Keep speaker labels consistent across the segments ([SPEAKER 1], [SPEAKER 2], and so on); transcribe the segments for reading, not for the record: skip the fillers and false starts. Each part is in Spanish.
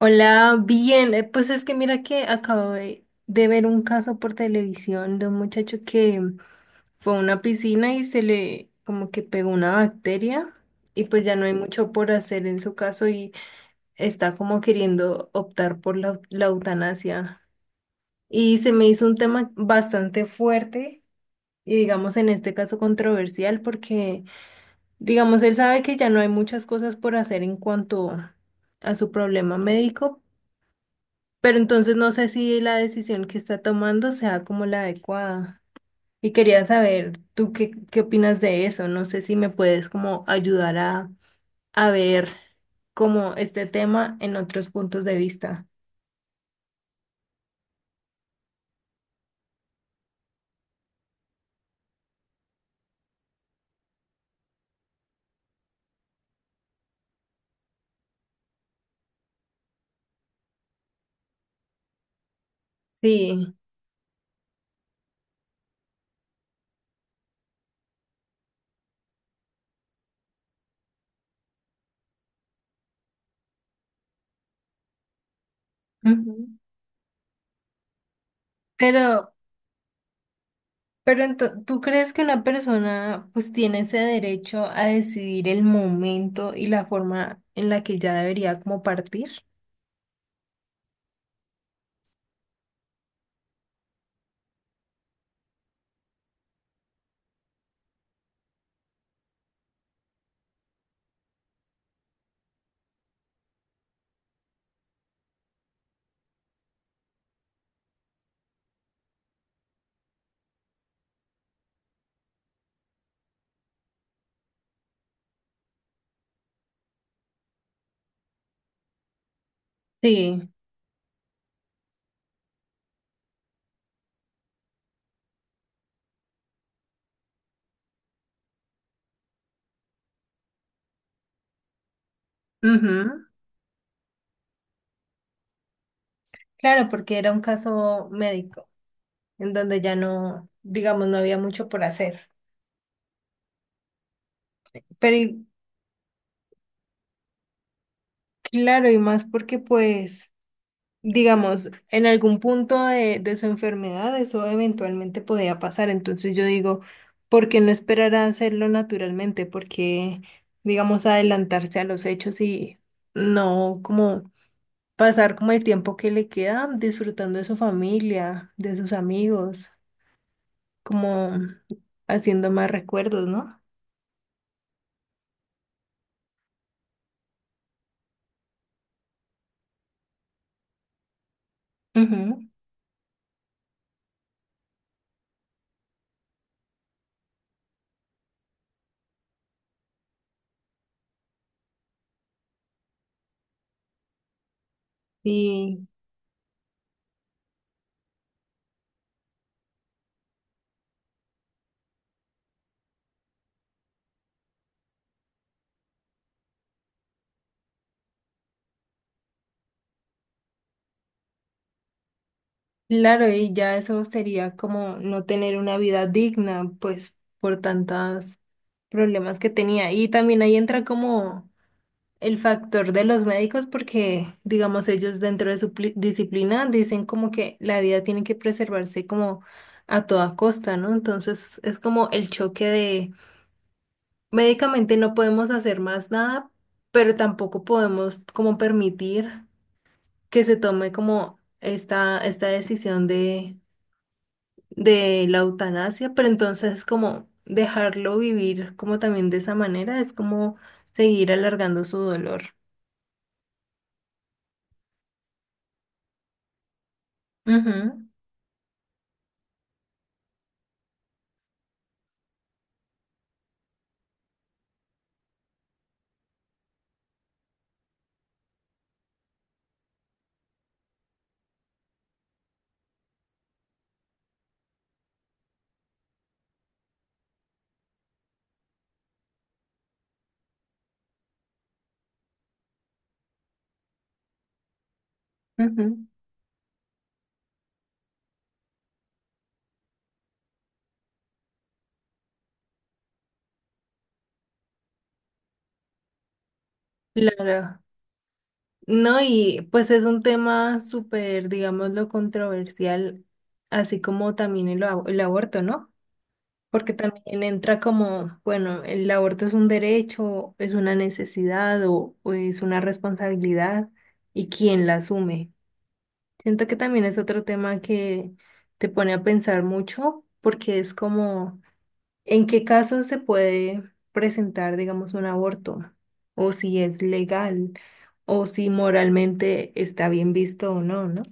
[SPEAKER 1] Hola, bien. Pues es que mira que acabo de ver un caso por televisión de un muchacho que fue a una piscina y se le como que pegó una bacteria, y pues ya no hay mucho por hacer en su caso y está como queriendo optar por la eutanasia. Y se me hizo un tema bastante fuerte y digamos en este caso controversial, porque digamos él sabe que ya no hay muchas cosas por hacer en cuanto a su problema médico, pero entonces no sé si la decisión que está tomando sea como la adecuada. Y quería saber, ¿tú qué opinas de eso? No sé si me puedes como ayudar a ver como este tema en otros puntos de vista. Sí. Ujú. Pero, ¿tú crees que una persona pues tiene ese derecho a decidir el momento y la forma en la que ya debería como partir? Sí. Ujú. Claro, porque era un caso médico, en donde ya no, digamos, no había mucho por hacer. Pero y- claro, y más porque pues, digamos, en algún punto de su enfermedad eso eventualmente podía pasar. Entonces yo digo, ¿por qué no esperar a hacerlo naturalmente? Porque, digamos, adelantarse a los hechos y no como pasar como el tiempo que le queda disfrutando de su familia, de sus amigos, como haciendo más recuerdos, ¿no? Ujú. Y claro, y ya eso sería como no tener una vida digna, pues por tantos problemas que tenía. Y también ahí entra como el factor de los médicos, porque digamos ellos dentro de su disciplina dicen como que la vida tiene que preservarse como a toda costa, ¿no? Entonces es como el choque de médicamente no podemos hacer más nada, pero tampoco podemos como permitir que se tome como esta decisión de la eutanasia, pero entonces como dejarlo vivir como también de esa manera es como seguir alargando su dolor. Ujú. Ujú. Claro. No, y pues es un tema súper, digámoslo, controversial, así como también el, el aborto, ¿no? Porque también entra como, bueno, el aborto es un derecho, es una necesidad o es una responsabilidad y quién la asume. Siento que también es otro tema que te pone a pensar mucho porque es como en qué casos se puede presentar, digamos, un aborto, o si es legal o si moralmente está bien visto o no, ¿no?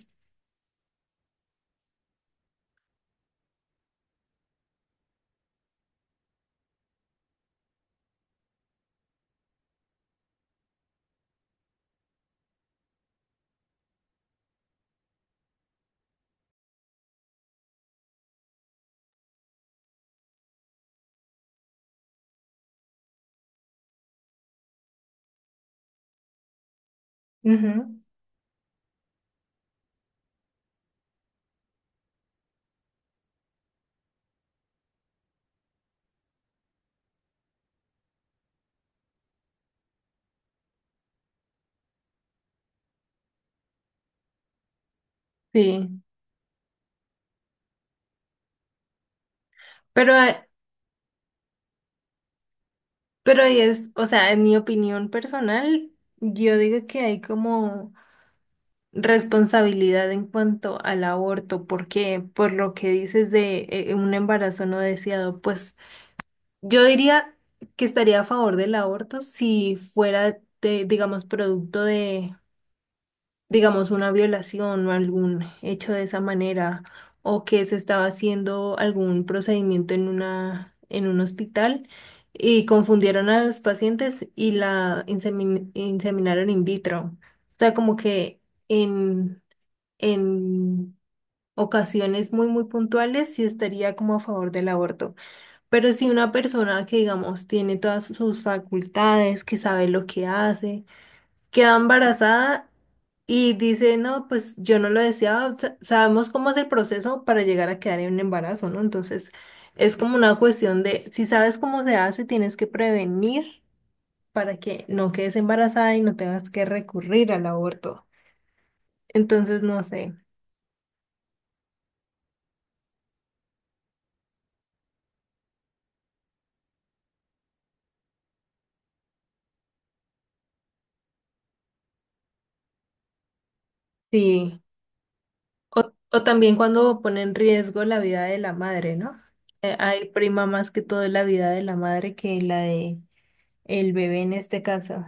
[SPEAKER 1] Ujú. Sí, pero, eh, pero ahí es, o sea, en mi opinión personal, yo digo que hay como responsabilidad en cuanto al aborto, porque por lo que dices de un embarazo no deseado, pues yo diría que estaría a favor del aborto si fuera de, digamos, producto de, digamos, una violación o algún hecho de esa manera, o que se estaba haciendo algún procedimiento en una, en un hospital y confundieron a los pacientes y la inseminaron in vitro. O sea, como que en, en ocasiones muy puntuales sí estaría como a favor del aborto. Pero si una persona que, digamos, tiene todas sus facultades, que sabe lo que hace, queda embarazada y dice, no, pues yo no lo deseaba, sabemos cómo es el proceso para llegar a quedar en un embarazo, ¿no? Entonces, es como una cuestión de, si sabes cómo se hace, tienes que prevenir para que no quedes embarazada y no tengas que recurrir al aborto. Entonces, no sé, sí. O también cuando pone en riesgo la vida de la madre, ¿no? Hay prima más que todo la vida de la madre que la de el bebé en este caso.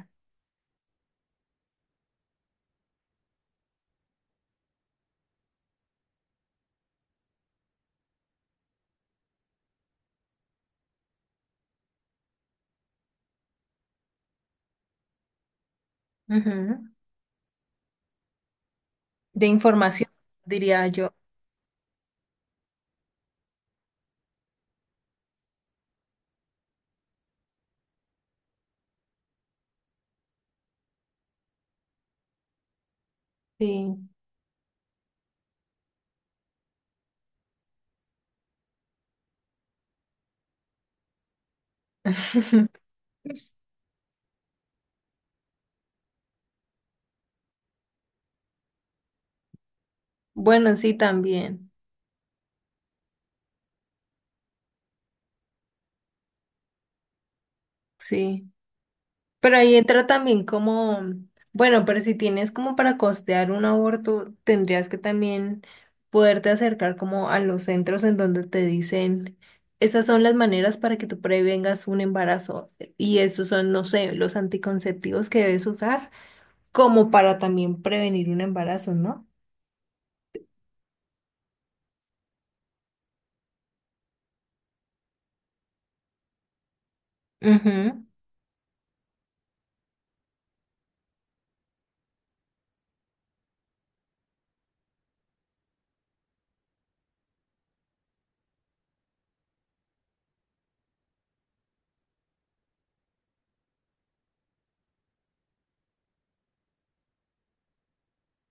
[SPEAKER 1] Ujú. De información, diría yo. Sí. Bueno, sí, también. Sí. Pero ahí entra también como, bueno, pero si tienes como para costear un aborto, tendrías que también poderte acercar como a los centros en donde te dicen, esas son las maneras para que tú prevengas un embarazo y estos son, no sé, los anticonceptivos que debes usar como para también prevenir un embarazo, ¿no? Ujú.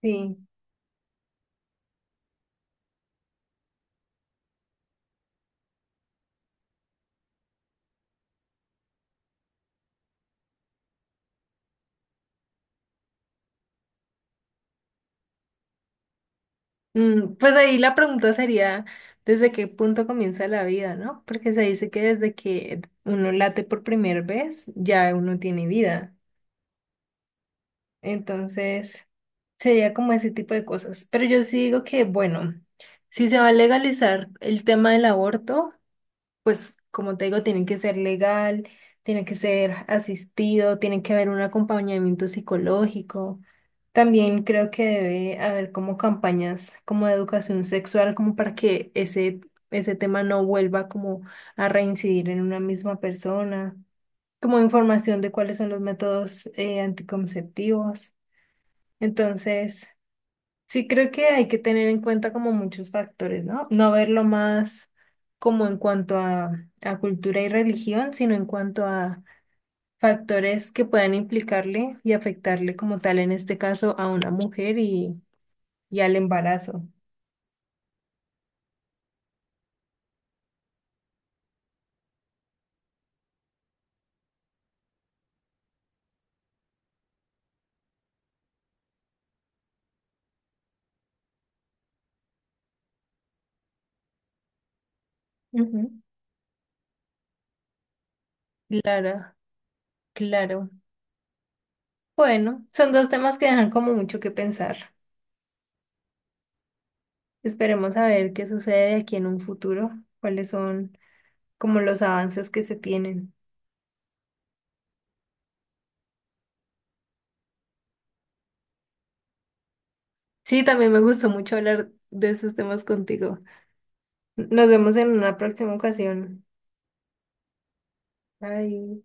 [SPEAKER 1] Sí. Mm, pues ahí la pregunta sería, ¿desde qué punto comienza la vida, no? Porque se dice que desde que uno late por primera vez, ya uno tiene vida. Entonces, sería como ese tipo de cosas. Pero yo sí digo que, bueno, si se va a legalizar el tema del aborto, pues como te digo, tienen que ser legal, tienen que ser asistido, tienen que haber un acompañamiento psicológico. También creo que debe haber como campañas como de educación sexual, como para que ese tema no vuelva como a reincidir en una misma persona, como información de cuáles son los métodos anticonceptivos. Entonces... Sí, creo que hay que tener en cuenta como muchos factores, ¿no? No verlo más como en cuanto a cultura y religión, sino en cuanto a factores que puedan implicarle y afectarle como tal, en este caso, a una mujer y al embarazo. Ujú. Claro, claro. Bueno, son dos temas que dejan como mucho que pensar. Esperemos a ver qué sucede de aquí en un futuro, cuáles son como los avances que se tienen. Sí, también me gustó mucho hablar de esos temas contigo. Nos vemos en una próxima ocasión. Bye.